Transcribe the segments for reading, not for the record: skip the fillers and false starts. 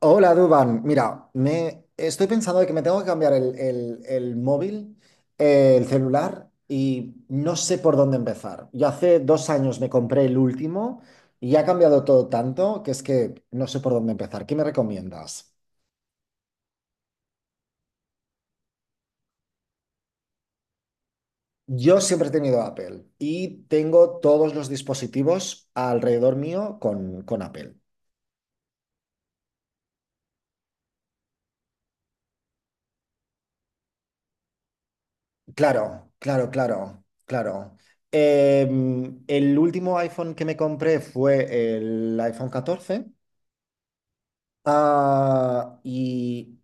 Hola, Duban. Mira, me estoy pensando de que me tengo que cambiar el móvil, el celular, y no sé por dónde empezar. Yo hace 2 años me compré el último y ha cambiado todo tanto que es que no sé por dónde empezar. ¿Qué me recomiendas? Yo siempre he tenido Apple y tengo todos los dispositivos alrededor mío con Apple. Claro, claro, claro, claro. El último iPhone que me compré fue el iPhone 14. Ah, y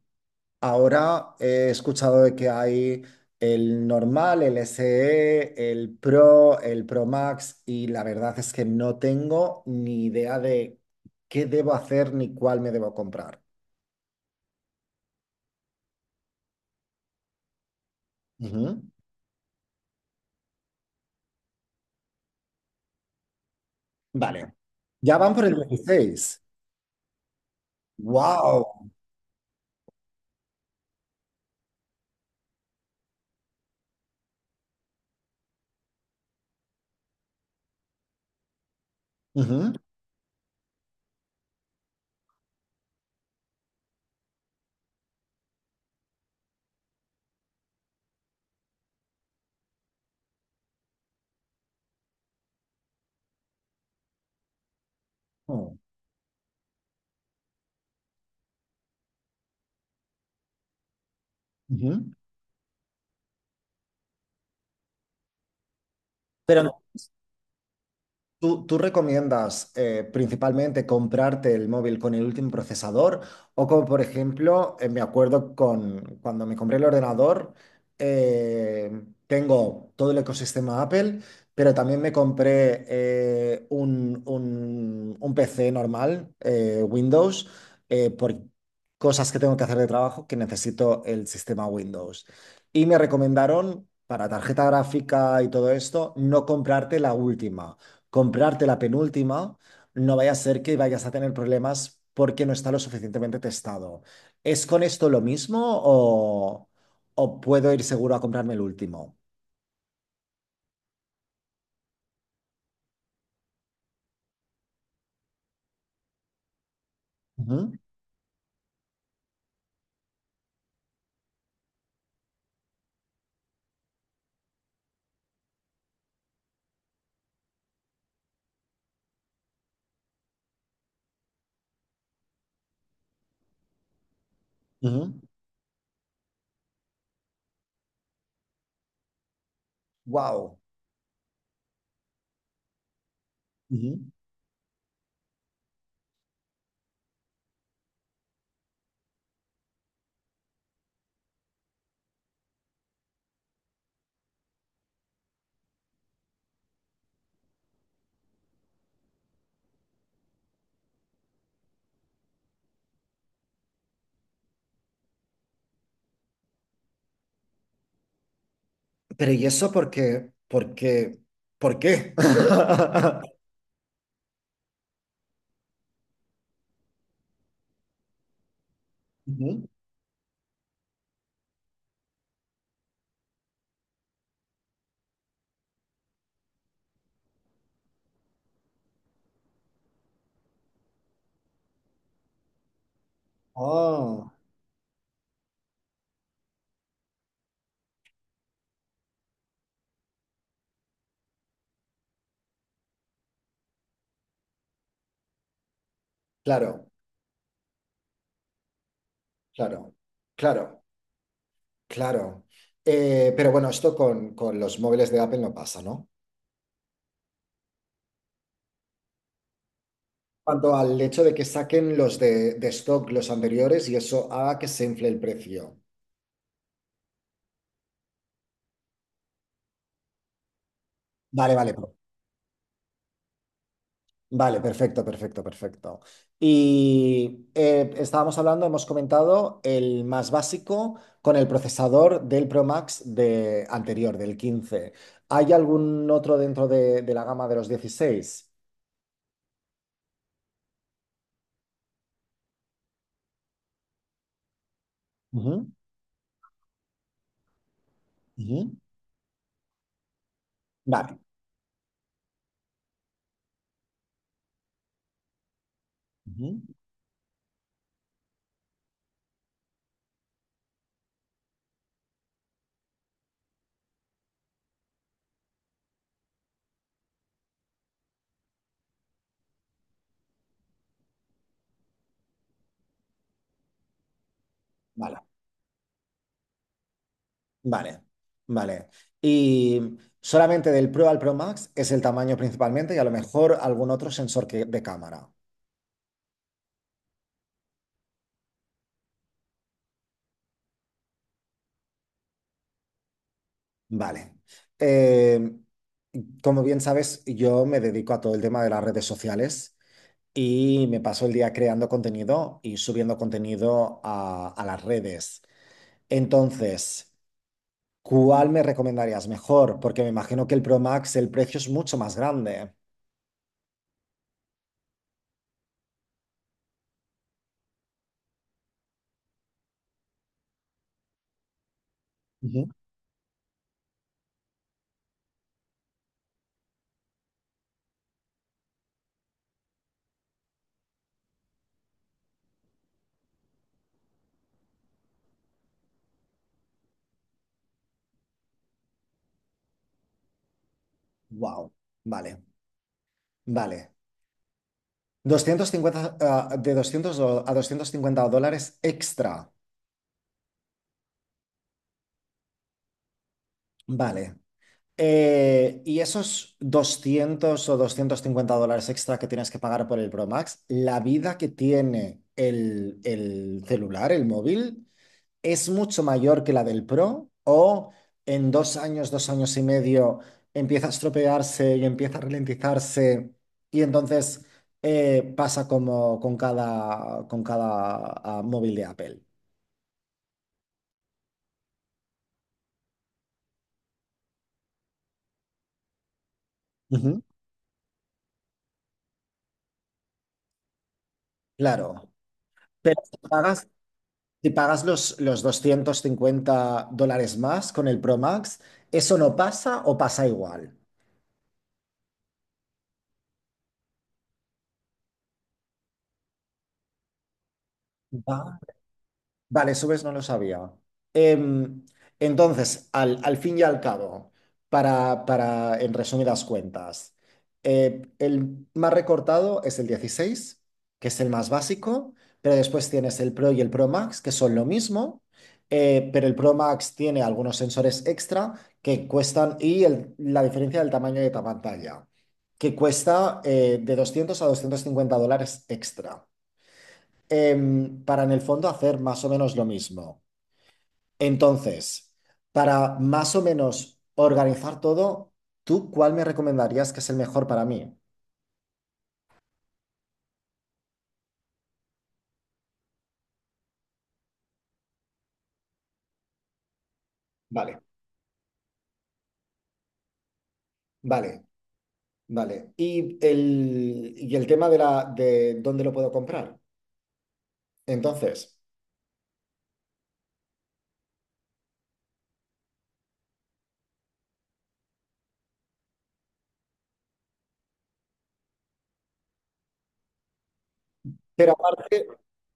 ahora he escuchado de que hay el normal, el SE, el Pro Max, y la verdad es que no tengo ni idea de qué debo hacer ni cuál me debo comprar. Ujú. Vale. Ya van por el 16. ¡Wow! Ujú. Ujú. Pero ¿tú recomiendas principalmente comprarte el móvil con el último procesador? O como por ejemplo, me acuerdo con cuando me compré el ordenador, eh, tengo todo el ecosistema Apple, pero también me compré un PC normal, Windows, por cosas que tengo que hacer de trabajo que necesito el sistema Windows. Y me recomendaron para tarjeta gráfica y todo esto, no comprarte la última comprarte la penúltima, no vaya a ser que vayas a tener problemas porque no está lo suficientemente testado. ¿Es con esto lo mismo o puedo ir seguro a comprarme el último? Wow. Pero ¿y eso por qué? ¿Por qué? ¿Por qué? Ujú. Oh, claro, claro, claro, claro. Pero bueno, esto con los móviles de Apple no pasa, ¿no? Cuanto al hecho de que saquen los de stock, los anteriores, y eso haga que se infle el precio. Vale, vale, vale, perfecto, perfecto, perfecto. Y estábamos hablando, hemos comentado el más básico con el procesador del Pro Max de anterior, del 15. ¿Hay algún otro dentro de la gama de los 16? Ujú, ujú. Vale, ujú, vale. Vale, vale. Y solamente del Pro al Pro Max es el tamaño principalmente y a lo mejor algún otro sensor que, de cámara. Vale. Eh, Como bien sabes, yo me dedico a todo el tema de las redes sociales y me paso el día creando contenido y subiendo contenido a las redes. Entonces, ¿cuál me recomendarías mejor? Porque me imagino que el Pro Max, el precio es mucho más grande. Wow, vale, vale. 250, de 200 a 250 dólares extra. Vale. Y esos 200 o 250 dólares extra que tienes que pagar por el Pro Max, la vida que tiene el celular, el móvil, es mucho mayor que la del Pro o en 2 años, 2 años y medio empieza a estropearse y empieza a ralentizarse y entonces pasa como con cada móvil de Apple. Ujú. Claro, pero si pagas los 250 dólares más con el Pro Max, ¿eso no pasa o pasa igual? Va. Vale, subes no lo sabía. Em, entonces, al fin y al cabo, para, en resumidas cuentas, el más recortado es el 16, que es el más básico, pero después tienes el Pro y el Pro Max, que son lo mismo, pero el Pro Max tiene algunos sensores extra que cuestan, y la diferencia del tamaño de la pantalla, que cuesta de 200 a 250 dólares extra para en el fondo hacer más o menos lo mismo. Entonces, para más o menos organizar todo, ¿tú cuál me recomendarías que es el mejor para mí? Vale, vale, vale. Y el tema de dónde lo puedo comprar. Entonces, pero aparte,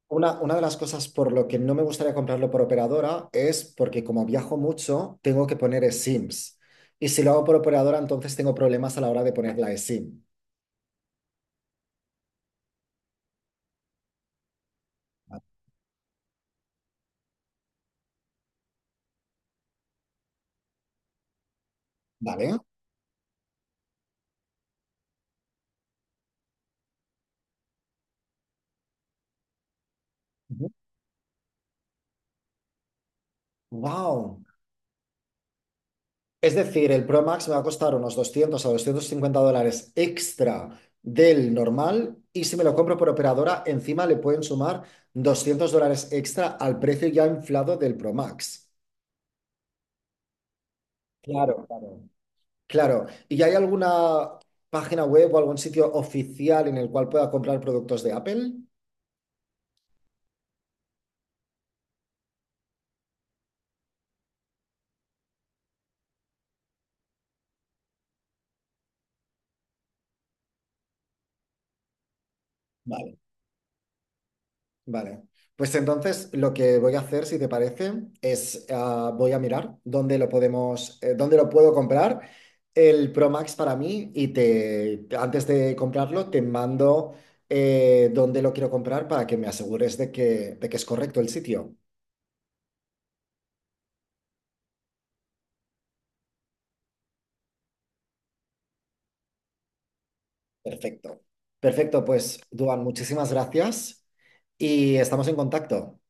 una de las cosas por lo que no me gustaría comprarlo por operadora es porque como viajo mucho, tengo que poner eSIMs. Y si lo hago por operadora, entonces tengo problemas a la hora de poner la eSIM, ¿vale? Wow. Es decir, el Pro Max me va a costar unos 200 a 250 dólares extra del normal y si me lo compro por operadora, encima le pueden sumar 200 dólares extra al precio ya inflado del Pro Max. Claro, claro. Claro. ¿Y hay alguna página web o algún sitio oficial en el cual pueda comprar productos de Apple? Vale. Vale. Pues entonces lo que voy a hacer, si te parece, es voy a mirar dónde lo podemos, dónde lo puedo comprar el Pro Max para mí y te antes de comprarlo te mando dónde lo quiero comprar para que me asegures de que es correcto el sitio. Perfecto. Perfecto, pues Duan, muchísimas gracias y estamos en contacto.